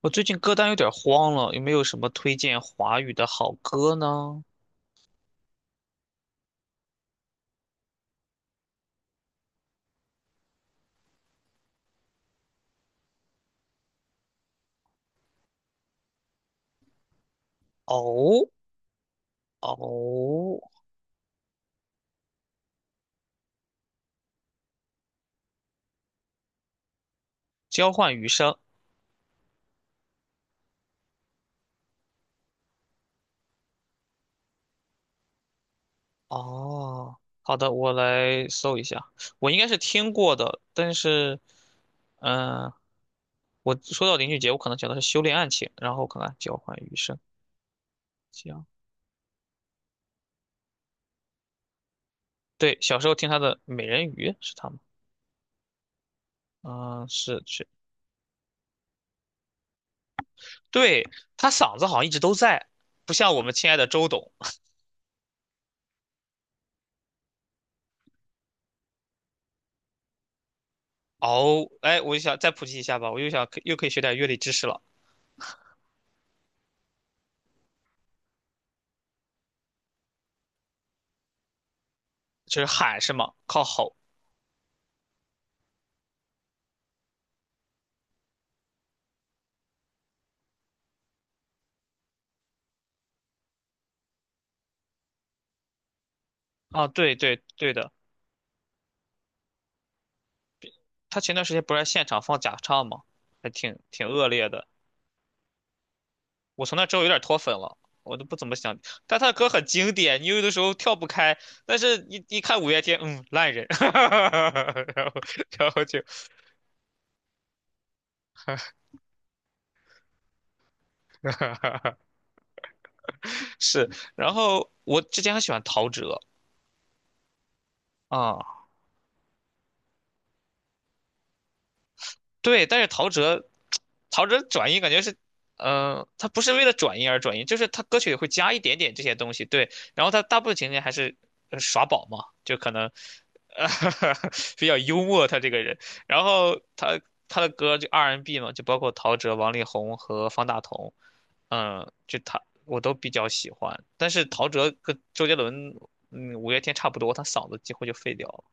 我最近歌单有点慌了，有没有什么推荐华语的好歌呢？哦哦，交换余生。哦，好的，我来搜一下。我应该是听过的，但是，嗯、我说到林俊杰，我可能想的是《修炼爱情》，然后看看《交换余生》。行，对，小时候听他的《美人鱼》是他吗？嗯、是是，对，他嗓子好像一直都在，不像我们亲爱的周董。哦，哎，我就想再普及一下吧，我又想又可以学点乐理知识了，就是喊是吗？靠吼。啊，对对对的，他前段时间不是在现场放假唱吗？还挺恶劣的，我从那之后有点脱粉了，我都不怎么想，但他的歌很经典，你有的时候跳不开，但是一看五月天，烂人，然后然后就，是，然后我之前很喜欢陶喆。啊。对，但是陶喆转音感觉是，他不是为了转音而转音，就是他歌曲里会加一点点这些东西，对，然后他大部分情节还是耍宝嘛，就可能，呃，比较幽默他这个人，然后他的歌就 R&B 嘛，就包括陶喆、王力宏和方大同，就他我都比较喜欢，但是陶喆跟周杰伦，五月天差不多，他嗓子几乎就废掉了。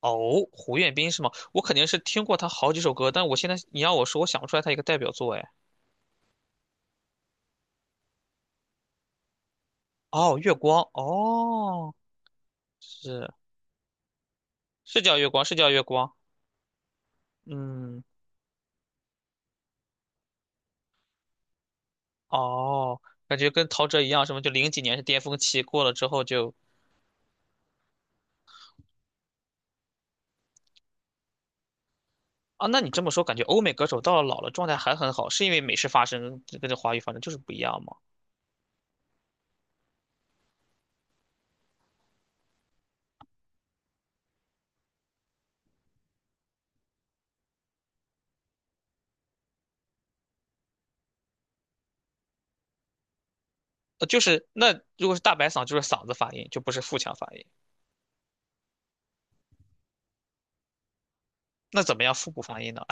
哦，胡彦斌是吗？我肯定是听过他好几首歌，但我现在你让我说，我想不出来他一个代表作哎。哦，月光，哦，是，是叫月光，是叫月光。嗯，哦，感觉跟陶喆一样，什么就零几年是巅峰期，过了之后就。啊，那你这么说，感觉欧美歌手到了老了状态还很好，是因为美式发声跟这华语发声就是不一样吗？就是那如果是大白嗓，就是嗓子发音，就不是腹腔发音。那怎么样腹部发音呢？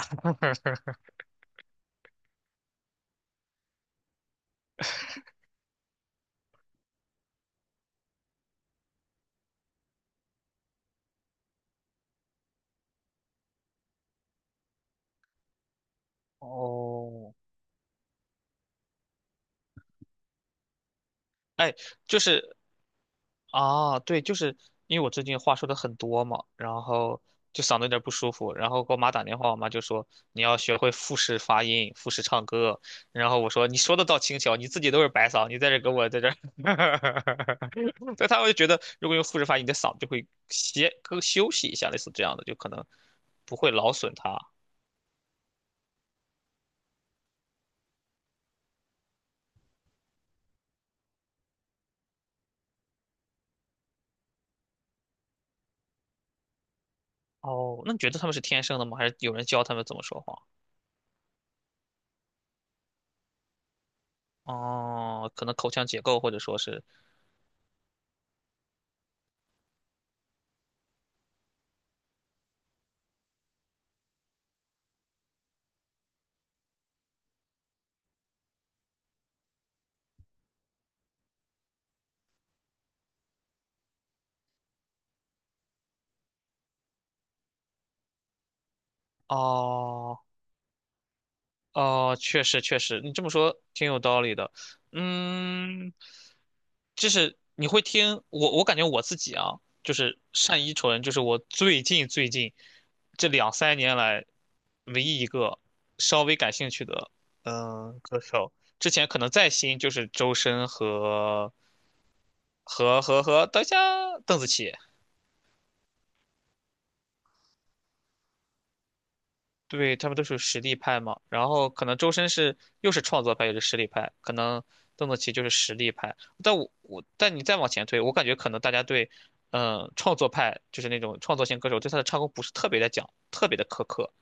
哦，哎，就是。啊，对，就是因为我最近话说的很多嘛，然后就嗓子有点不舒服，然后给我妈打电话，我妈就说你要学会复式发音、复式唱歌，然后我说你说的倒轻巧，你自己都是白嗓，你在这给我在这儿，所以她会觉得如果用复式发音，你的嗓子就会歇更休息一下，类似这样的，就可能不会劳损它。哦，那你觉得他们是天生的吗？还是有人教他们怎么说话？哦，可能口腔结构或者说是。哦。哦，确实确实，你这么说挺有道理的。嗯，就是你会听我，我感觉我自己啊，就是单依纯，就是我最近这两三年来唯一一个稍微感兴趣的歌手。之前可能再新就是周深和，等一下，邓紫棋。对，他们都是实力派嘛，然后可能周深是又是创作派又是实力派，可能邓紫棋就是实力派。但我我但你再往前推，我感觉可能大家对，创作派就是那种创作型歌手对他的唱功不是特别的讲，特别的苛刻。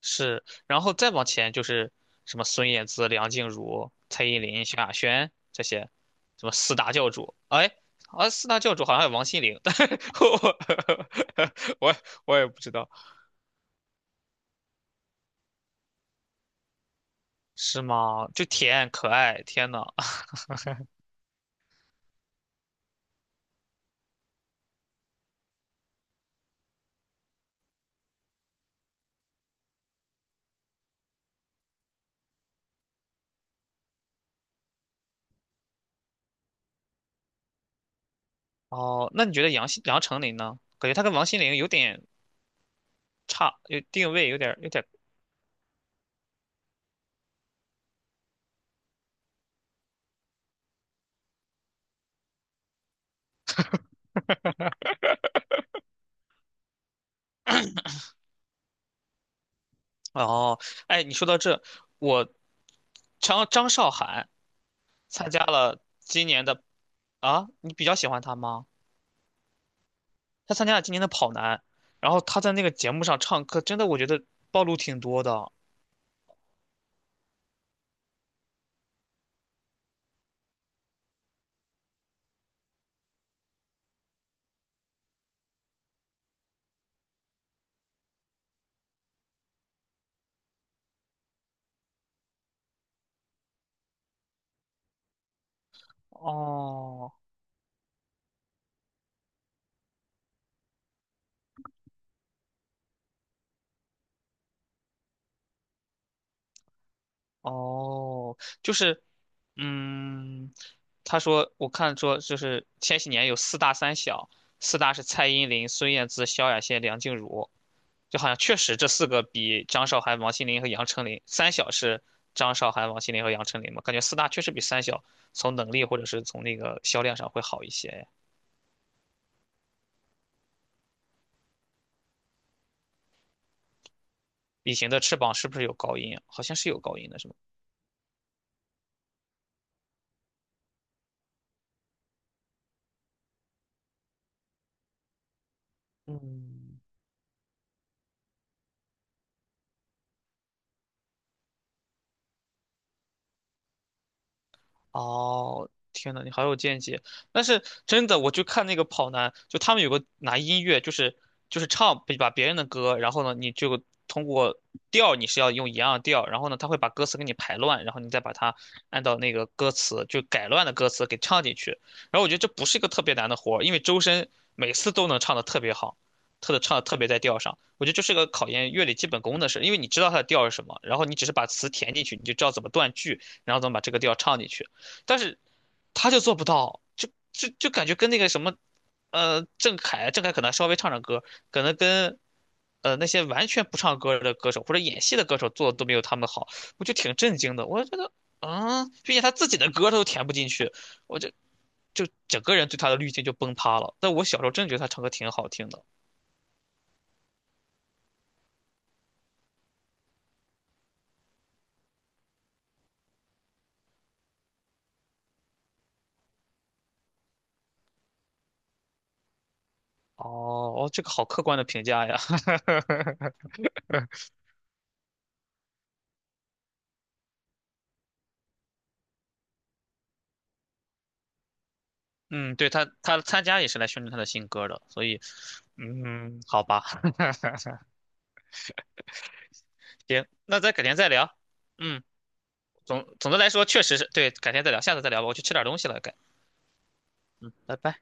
是，然后再往前就是什么孙燕姿、梁静茹、蔡依林、萧亚轩这些，什么四大教主，哎。啊，四大教主好像还有王心凌，但是 我 我也不知道。是吗？就甜可爱，天呐！哦，那你觉得杨丞琳呢？感觉她跟王心凌有点差，有定位有点哦。哎，你说到这，我张韶涵参加了今年的。啊，你比较喜欢她吗？她参加了今年的跑男，然后她在那个节目上唱歌，真的我觉得暴露挺多的。哦，哦，就是，嗯，他说，我看说，就是千禧年有四大三小，四大是蔡依林、孙燕姿、萧亚轩、梁静茹，就好像确实这四个比张韶涵、王心凌和杨丞琳，三小是张韶涵、王心凌和杨丞琳嘛，感觉四大确实比三小从能力或者是从那个销量上会好一些。隐形的翅膀是不是有高音啊？好像是有高音的，是吗？嗯，哦，天呐，你好有见解！但是真的，我就看那个跑男，就他们有个拿音乐，就是唱把别人的歌，然后呢，你就通过调你是要用一样的调，然后呢，他会把歌词给你排乱，然后你再把它按照那个歌词就改乱的歌词给唱进去。然后我觉得这不是一个特别难的活儿，因为周深每次都能唱的特别好，特的唱的特别在调上。我觉得这是个考验乐理基本功的事，因为你知道它的调是什么，然后你只是把词填进去，你就知道怎么断句，然后怎么把这个调唱进去。但是他就做不到，就感觉跟那个什么，郑恺可能稍微唱唱歌，可能跟那些完全不唱歌的歌手或者演戏的歌手做的都没有他们好，我就挺震惊的。我觉得，啊，毕竟他自己的歌他都填不进去，我就整个人对他的滤镜就崩塌了。但我小时候真的觉得他唱歌挺好听的。哦哦，这个好客观的评价呀。嗯，对他参加也是来宣传他的新歌的，所以，嗯，好吧。行，那咱改天再聊。嗯，总的来说，确实是对，改天再聊，下次再聊吧，我去吃点东西了，嗯，拜拜。